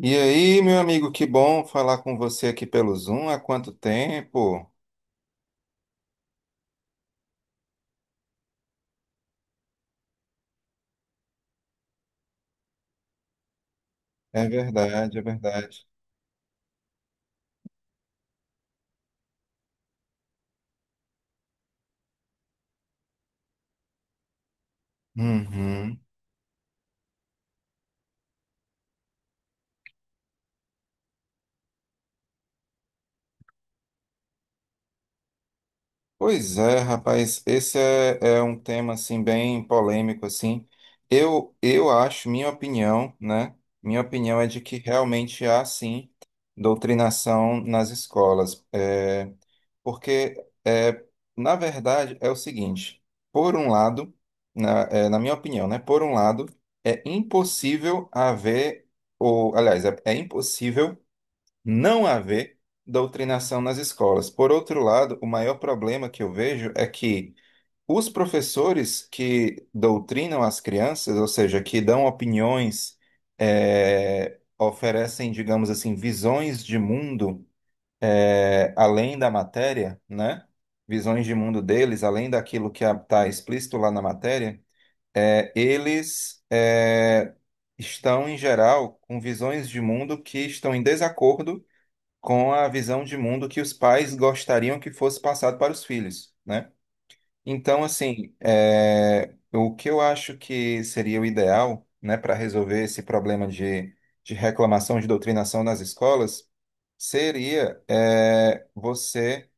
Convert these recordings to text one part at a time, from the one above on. E aí, meu amigo, que bom falar com você aqui pelo Zoom. Há quanto tempo? É verdade, é verdade. Uhum. Pois é, rapaz, esse é um tema assim bem polêmico assim. Eu acho, minha opinião, né? Minha opinião é de que realmente há sim doutrinação nas escolas. Porque, é, na verdade, é o seguinte: por um lado, na minha opinião, né? Por um lado, é impossível haver, ou, aliás, é impossível não haver doutrinação nas escolas. Por outro lado, o maior problema que eu vejo é que os professores que doutrinam as crianças, ou seja, que dão opiniões, oferecem, digamos assim, visões de mundo além da matéria, né? Visões de mundo deles, além daquilo que está explícito lá na matéria, eles estão, em geral, com visões de mundo que estão em desacordo com a visão de mundo que os pais gostariam que fosse passado para os filhos, né? Então, assim, o que eu acho que seria o ideal, né, para resolver esse problema de reclamação, de doutrinação nas escolas, seria você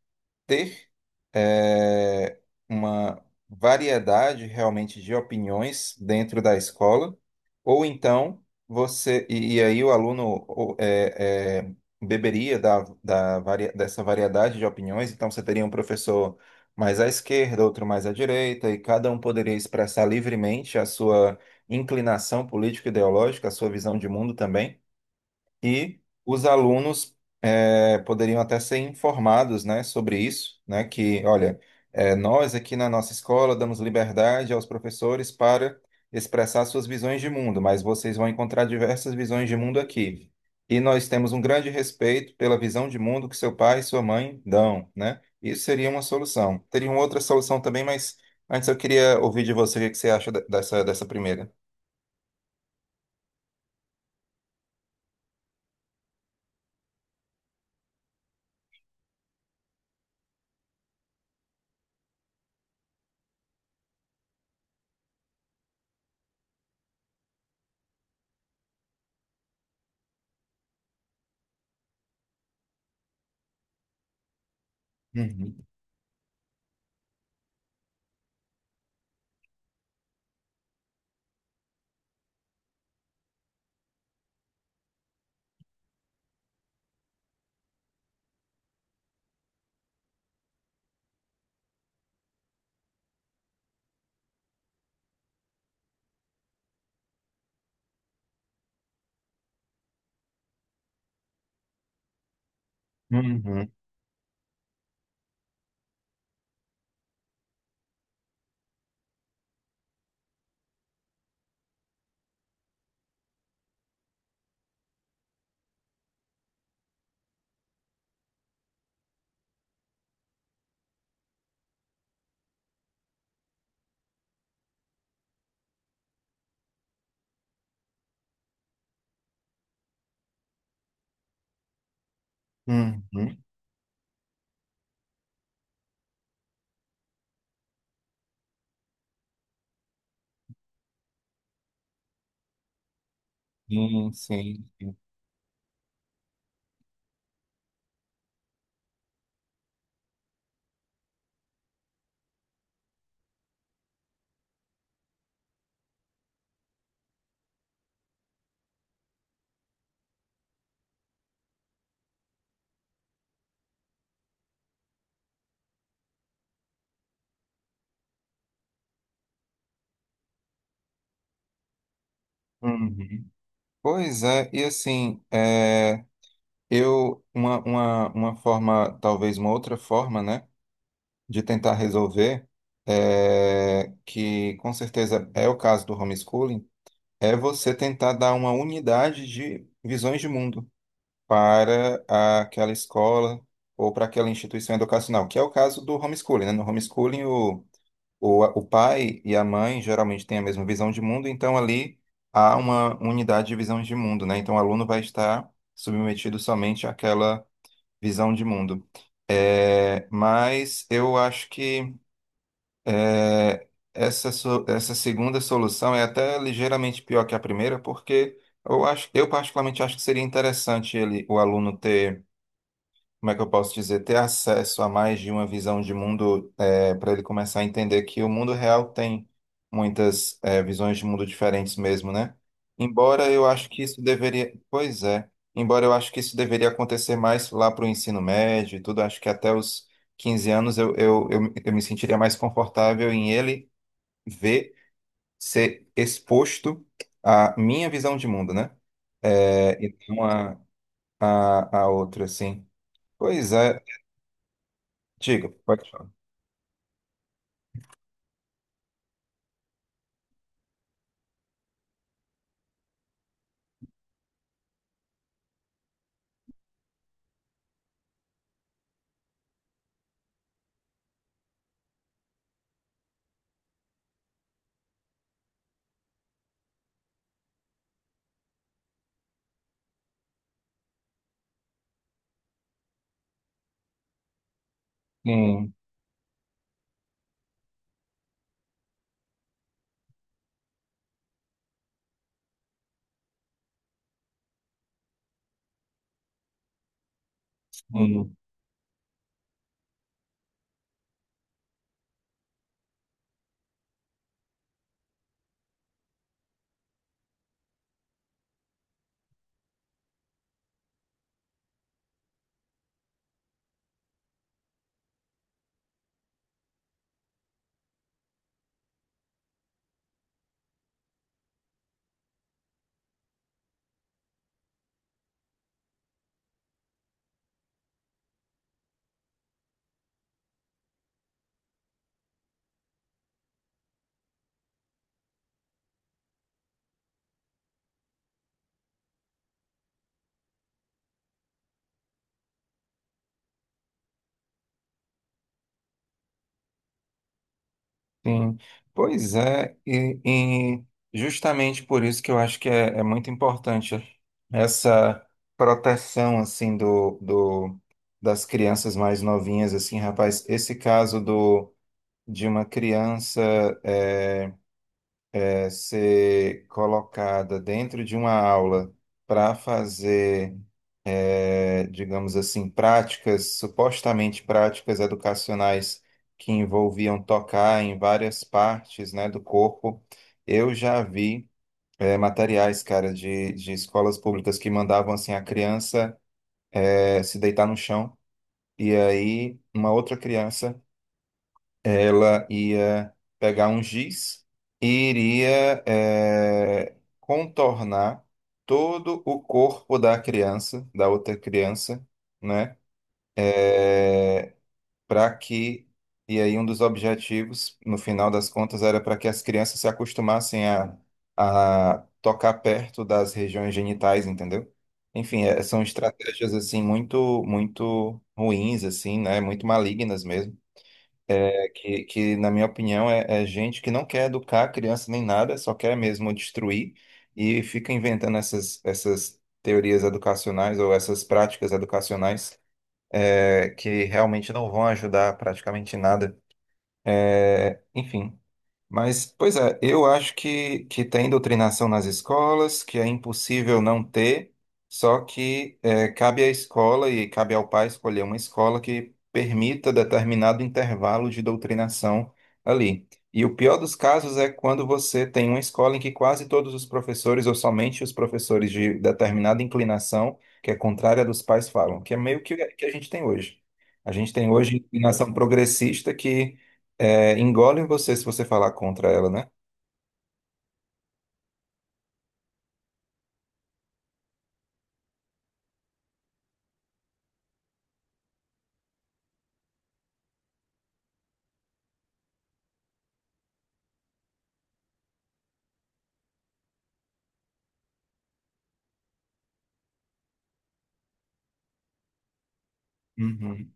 ter eh, uma variedade realmente de opiniões dentro da escola, ou então você, e aí o aluno o- eh, eh, beberia da, dessa variedade de opiniões, então você teria um professor mais à esquerda, outro mais à direita, e cada um poderia expressar livremente a sua inclinação político-ideológica, a sua visão de mundo também e os alunos poderiam até ser informados, né, sobre isso, né, que, olha, nós aqui na nossa escola damos liberdade aos professores para expressar suas visões de mundo, mas vocês vão encontrar diversas visões de mundo aqui. E nós temos um grande respeito pela visão de mundo que seu pai e sua mãe dão, né? Isso seria uma solução. Teria uma outra solução também, mas antes eu queria ouvir de você o que que você acha dessa primeira. Uhum. Uhum. Uhum. Sim, sim. Uhum. Pois é, e assim, uma forma, talvez uma outra forma, né, de tentar resolver, que com certeza é o caso do homeschooling, é você tentar dar uma unidade de visões de mundo para aquela escola ou para aquela instituição educacional, que é o caso do homeschooling, né? No homeschooling, o pai e a mãe geralmente têm a mesma visão de mundo, então ali há uma unidade de visão de mundo, né? Então o aluno vai estar submetido somente àquela visão de mundo. Mas eu acho que é, essa segunda solução é até ligeiramente pior que a primeira, porque eu acho, eu particularmente acho que seria interessante ele, o aluno ter como é que eu posso dizer, ter acesso a mais de uma visão de mundo, para ele começar a entender que o mundo real tem muitas, visões de mundo diferentes mesmo, né? Embora eu acho que isso deveria, pois é, embora eu acho que isso deveria acontecer mais lá para o ensino médio e tudo, acho que até os 15 anos eu me sentiria mais confortável em ele ver, ser exposto à minha visão de mundo, né? E não a outra, assim. Pois é. Diga, pode falar. Sim, sim, sim. Pois é, e justamente por isso que eu acho que é muito importante essa proteção, assim, das crianças mais novinhas, assim, rapaz, esse caso de uma criança é, ser colocada dentro de uma aula para fazer digamos assim, práticas, supostamente práticas educacionais que envolviam tocar em várias partes, né, do corpo. Eu já vi materiais, cara, de escolas públicas que mandavam assim a criança se deitar no chão e aí uma outra criança ela ia pegar um giz e iria contornar todo o corpo da criança, da outra criança, né? é, para que, e aí um dos objetivos, no final das contas, era para que as crianças se acostumassem a, tocar perto das regiões genitais, entendeu? Enfim, são estratégias assim muito, muito ruins, assim, né? Muito malignas mesmo. É que, na minha opinião, é gente que não quer educar a criança nem nada, só quer mesmo destruir e fica inventando essas teorias educacionais ou essas práticas educacionais que realmente não vão ajudar praticamente em nada. Enfim. Mas, pois é, eu acho que tem doutrinação nas escolas, que é impossível não ter, só que cabe à escola e cabe ao pai escolher uma escola que permita determinado intervalo de doutrinação ali. E o pior dos casos é quando você tem uma escola em que quase todos os professores, ou somente os professores de determinada inclinação, que é contrária dos pais, falam, que é meio que a gente tem hoje. A gente tem hoje inclinação progressista que engole você se você falar contra ela, né? Uhum.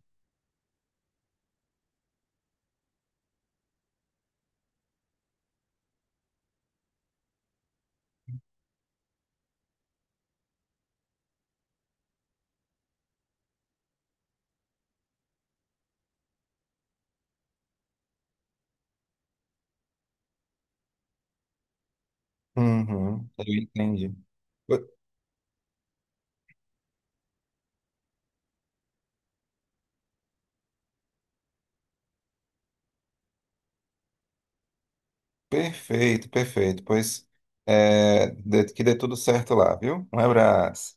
Uhum, eu entendi. Pe- Perfeito, perfeito. Pois é, que dê tudo certo lá, viu? Um abraço.